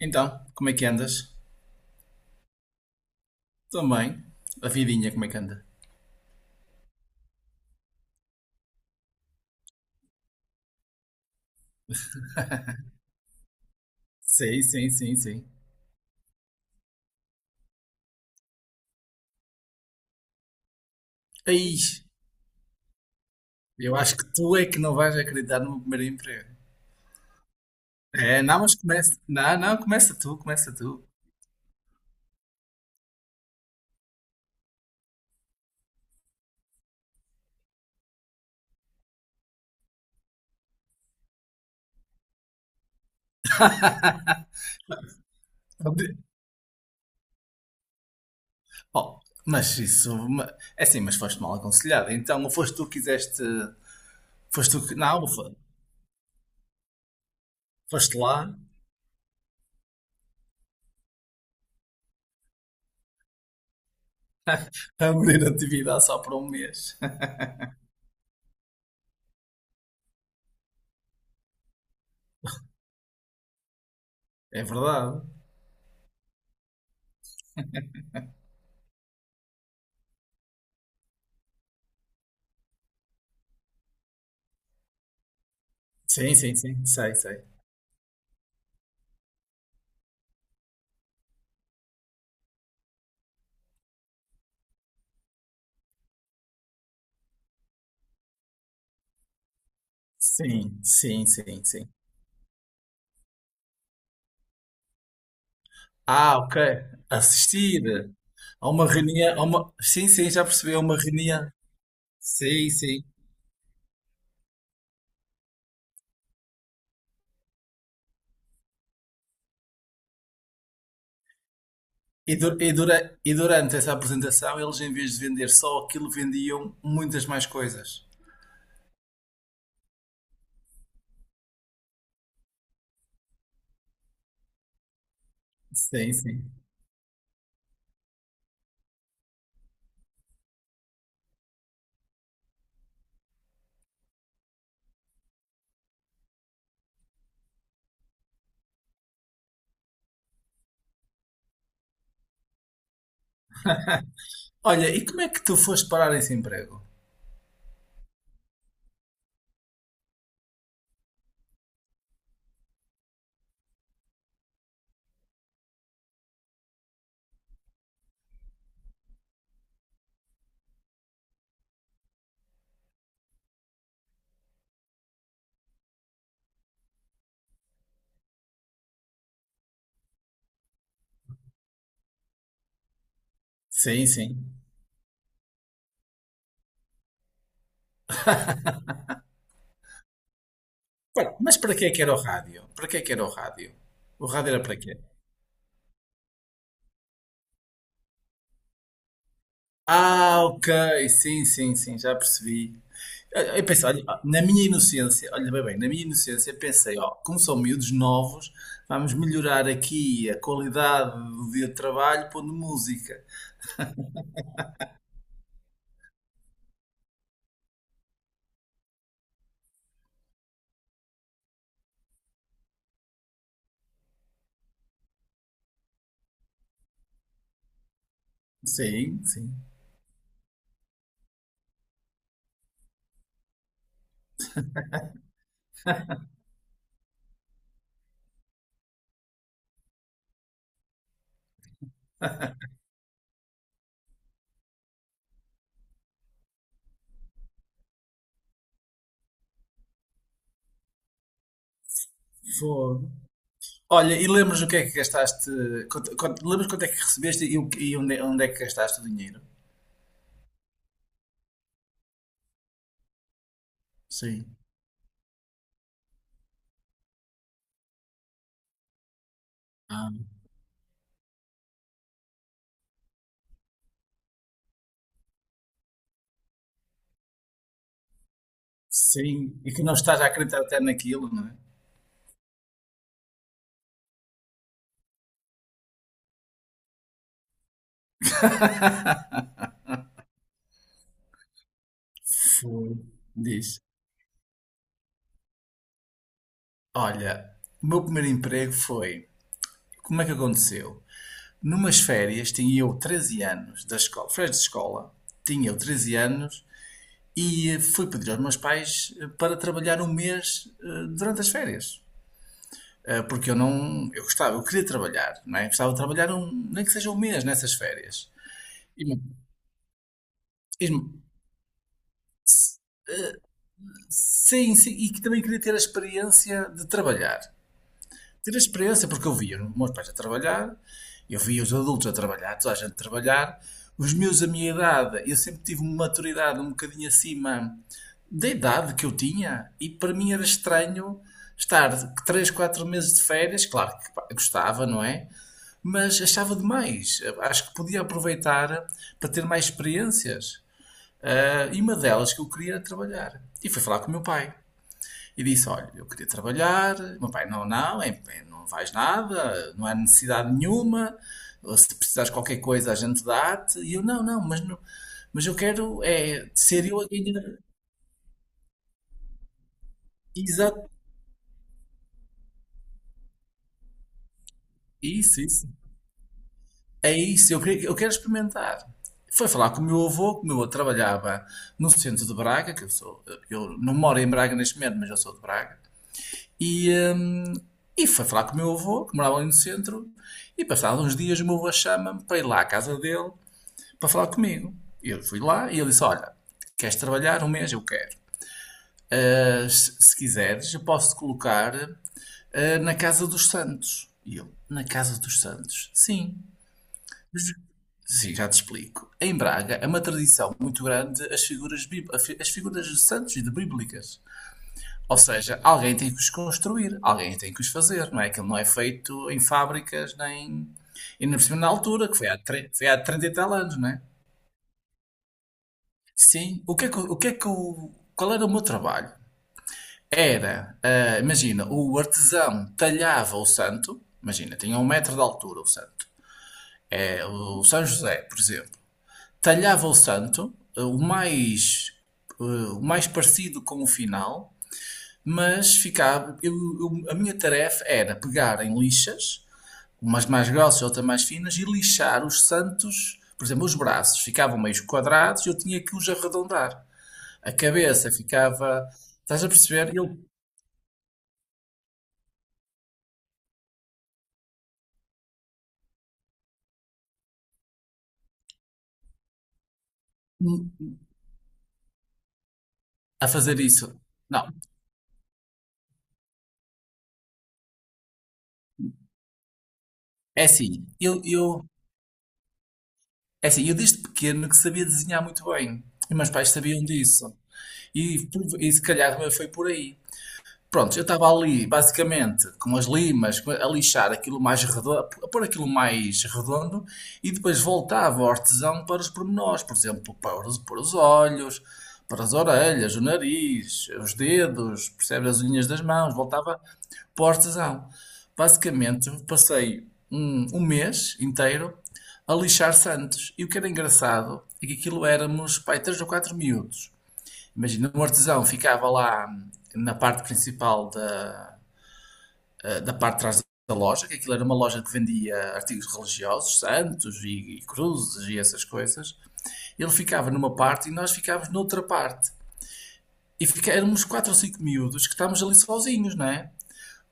Então, como é que andas? Também. A vidinha, como é que anda? Sim, sim, sim, sim. Aí, eu acho que tu é que não vais acreditar no meu primeiro emprego. É, não, mas começa. Não, não, começa tu, começa tu. Oh, mas isso. É assim, mas foste mal aconselhado. Então, ou foste tu que quiseste. Foste tu que. Não, foste lá a abrir atividade só para um mês. É verdade. Sim, sim, sim. Sei, sei. Sim, sim, sim, sim. Ah, ok. Assistir a uma reunião, a uma, sim, sim, já percebi, a uma reunião. Sim, sim. E durante essa apresentação, eles, em vez de vender só aquilo, vendiam muitas mais coisas. Sim, sim. Olha, e como é que tu foste parar esse emprego? Sim, sim. Mas para que é que era o rádio? Para que é que era o rádio? O rádio era para quê? Ah, ok, sim, sim, sim, já percebi. Eu pensei, olha, na minha inocência, olha bem, na minha inocência pensei, ó, como são miúdos novos, vamos melhorar aqui a qualidade do dia de trabalho pondo música. Sim, sim. Fogo. Olha, e lembras o que é que gastaste? Lembras quanto é que recebeste e onde é que gastaste o dinheiro? Sim. Ah, sim. E que não estás a acreditar até naquilo, não é? Foi. Diz. Olha, o meu primeiro emprego foi. Como é que aconteceu? Numas férias, tinha eu 13 anos, da escola, férias de escola, tinha eu 13 anos e fui pedir aos meus pais para trabalhar um mês durante as férias. Porque eu não, eu gostava, eu queria trabalhar, não é? Gostava de trabalhar um, nem que seja um mês nessas férias. E, e- sim, sim, e que também queria ter a experiência de trabalhar. Tive a experiência porque eu via os meus pais a trabalhar, eu via os adultos a trabalhar, toda a gente a trabalhar, os meus a minha idade, eu sempre tive uma maturidade um bocadinho acima da idade que eu tinha e para mim era estranho estar 3 4 meses de férias, claro que pá, gostava, não é? Mas achava demais, acho que podia aproveitar para ter mais experiências. Ah, e uma delas que eu queria era trabalhar. E fui falar com o meu pai. E disse: olha, eu queria trabalhar. Meu pai: não, não, é, não vais nada, não há necessidade nenhuma. Se precisares de qualquer coisa, a gente dá-te. E eu: não, não, mas, não, mas eu quero é, ser eu a ganhar. Exato, isso, isso. É isso, eu quero experimentar. Foi falar com o meu avô, que o meu avô trabalhava no centro de Braga, que eu sou, eu não moro em Braga neste momento, mas eu sou de Braga. E, hum, e foi falar com o meu avô, que morava ali no centro, e passados uns dias o meu avô chama-me para ir lá à casa dele para falar comigo. E eu fui lá e ele disse: olha, queres trabalhar um mês? Eu quero. Ah, se quiseres, eu posso te colocar na Casa dos Santos. E eu: na Casa dos Santos? Sim. Mas- Sim, já te explico. Em Braga é uma tradição muito grande as figuras, as figuras de santos e de bíblicas. Ou seja, alguém tem que os construir, alguém tem que os fazer, não é? Aquilo não é feito em fábricas nem. E na cima na altura, que foi há 30 e tal anos, não é? Sim. O que é que, o que é que o- Qual era o meu trabalho? Era, imagina, o artesão talhava o santo, imagina, tinha um metro de altura o santo. É, o São José, por exemplo, talhava o santo, ah, o mais parecido com o final, mas ficava. A minha tarefa era pegar em lixas, umas mais grossas e outras mais finas, e lixar os santos. Por exemplo, os braços ficavam meio quadrados e eu tinha que os arredondar. A cabeça ficava. Estás a perceber? Eu hum, a fazer isso. Não, é assim. É assim, eu desde pequeno que sabia desenhar muito bem. E meus pais sabiam disso. E se calhar foi por aí. Pronto, eu estava ali, basicamente, com as limas, a lixar aquilo mais redondo, a pôr aquilo mais redondo e depois voltava ao artesão para os pormenores, por exemplo, para os, olhos, para as orelhas, o nariz, os dedos, percebe as unhas das mãos, voltava para o artesão. Basicamente, passei um mês inteiro a lixar santos. E o que era engraçado é que aquilo éramos, pai, três ou quatro miúdos. Imagina, um artesão ficava lá na parte principal da parte de trás da loja, que aquilo era uma loja que vendia artigos religiosos, santos e cruzes e essas coisas. Ele ficava numa parte e nós ficávamos noutra parte. E fica, éramos quatro ou cinco miúdos que estávamos ali sozinhos, não é?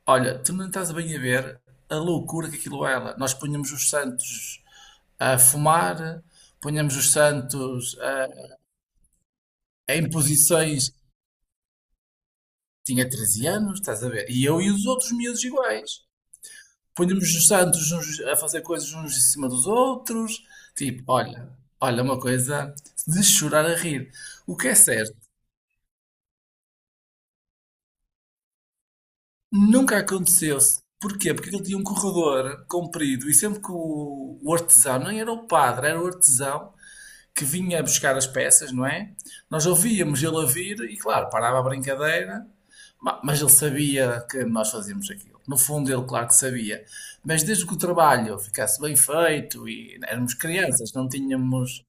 Olha, tu não estás bem a ver a loucura que aquilo era. Nós punhamos os santos a fumar, punhamos os santos a, em posições. Tinha 13 anos, estás a ver? E eu e os outros miúdos iguais. Punhamos os santos uns a fazer coisas uns em cima dos outros. Tipo, olha, uma coisa de chorar a rir. O que é certo, nunca aconteceu-se. Porquê? Porque ele tinha um corredor comprido e sempre que o artesão, nem era o padre, era o artesão, que vinha buscar as peças, não é? Nós ouvíamos ele a vir e, claro, parava a brincadeira, mas ele sabia que nós fazíamos aquilo. No fundo, ele, claro que sabia. Mas desde que o trabalho ficasse bem feito e éramos crianças, não tínhamos.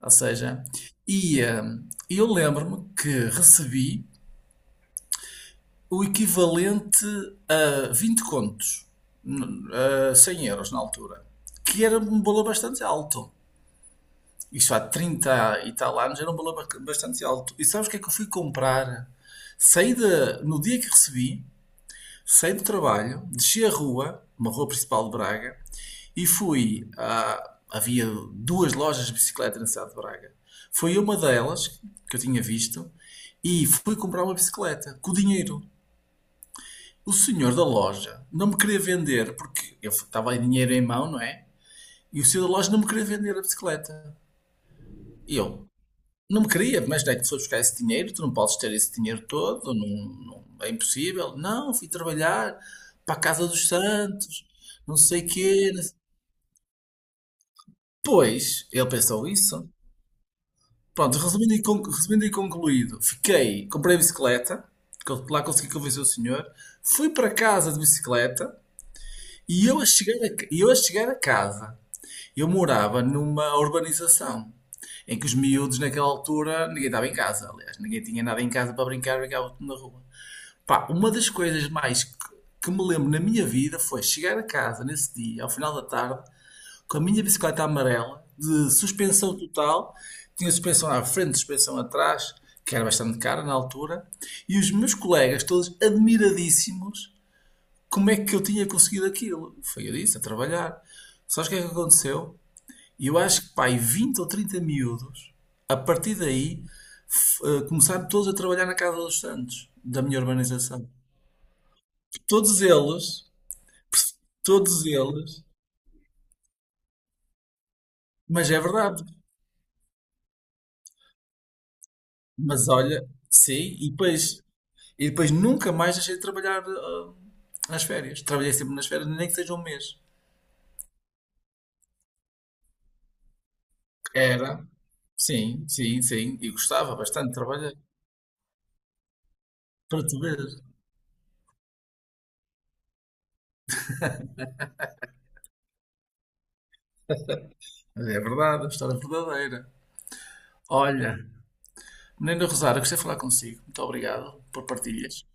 Ou seja, eu lembro-me que recebi o equivalente a 20 contos, n- a 100 euros na altura, que era um valor bastante alto. Isso há 30 e tal anos, era um valor bastante alto. E sabes o que é que eu fui comprar? Saí da, no dia que recebi, saí do trabalho, desci a rua, uma rua principal de Braga, e fui a, havia duas lojas de bicicleta na cidade de Braga. Foi uma delas que eu tinha visto e fui comprar uma bicicleta com o dinheiro. O senhor da loja não me queria vender porque eu estava em dinheiro em mão, não é? E o senhor da loja não me queria vender a bicicleta. E eu, não me queria, mas daí tu foi buscar esse dinheiro, tu não podes ter esse dinheiro todo, não, é impossível. Não, fui trabalhar para a Casa dos Santos, não sei o quê. Não sei- Pois, ele pensou isso. Pronto, resumindo e concluído, fiquei, comprei a bicicleta, lá consegui convencer o senhor, fui para casa de bicicleta e eu a chegar a, ca- e eu a chegar a casa, eu morava numa urbanização em que os miúdos naquela altura ninguém estava em casa, aliás, ninguém tinha nada em casa para brincar, brincava tudo na rua. Pá, uma das coisas mais que me lembro na minha vida foi chegar a casa nesse dia, ao final da tarde, com a minha bicicleta amarela, de suspensão total, tinha suspensão à frente, suspensão atrás, que era bastante cara na altura, e os meus colegas todos admiradíssimos como é que eu tinha conseguido aquilo. Foi eu disse, a trabalhar. Sabes o que é que aconteceu? E eu acho que, pai, 20 ou 30 miúdos, a partir daí, começaram todos a trabalhar na Casa dos Santos, da minha urbanização. Todos eles, todos eles, mas é verdade. Mas olha, sim, e depois, nunca mais deixei de trabalhar nas férias. Trabalhei sempre nas férias, nem que seja um mês. Era, sim, sim, sim, e gostava bastante de trabalhar. Para tu ver, é verdade, a história é verdadeira. Olha, Nena Rosário, gostei de falar consigo. Muito obrigado por partilhas.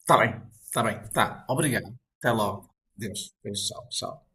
Está bem, está bem, está. Obrigado. Até logo. Deus, Deus, tchau, tchau.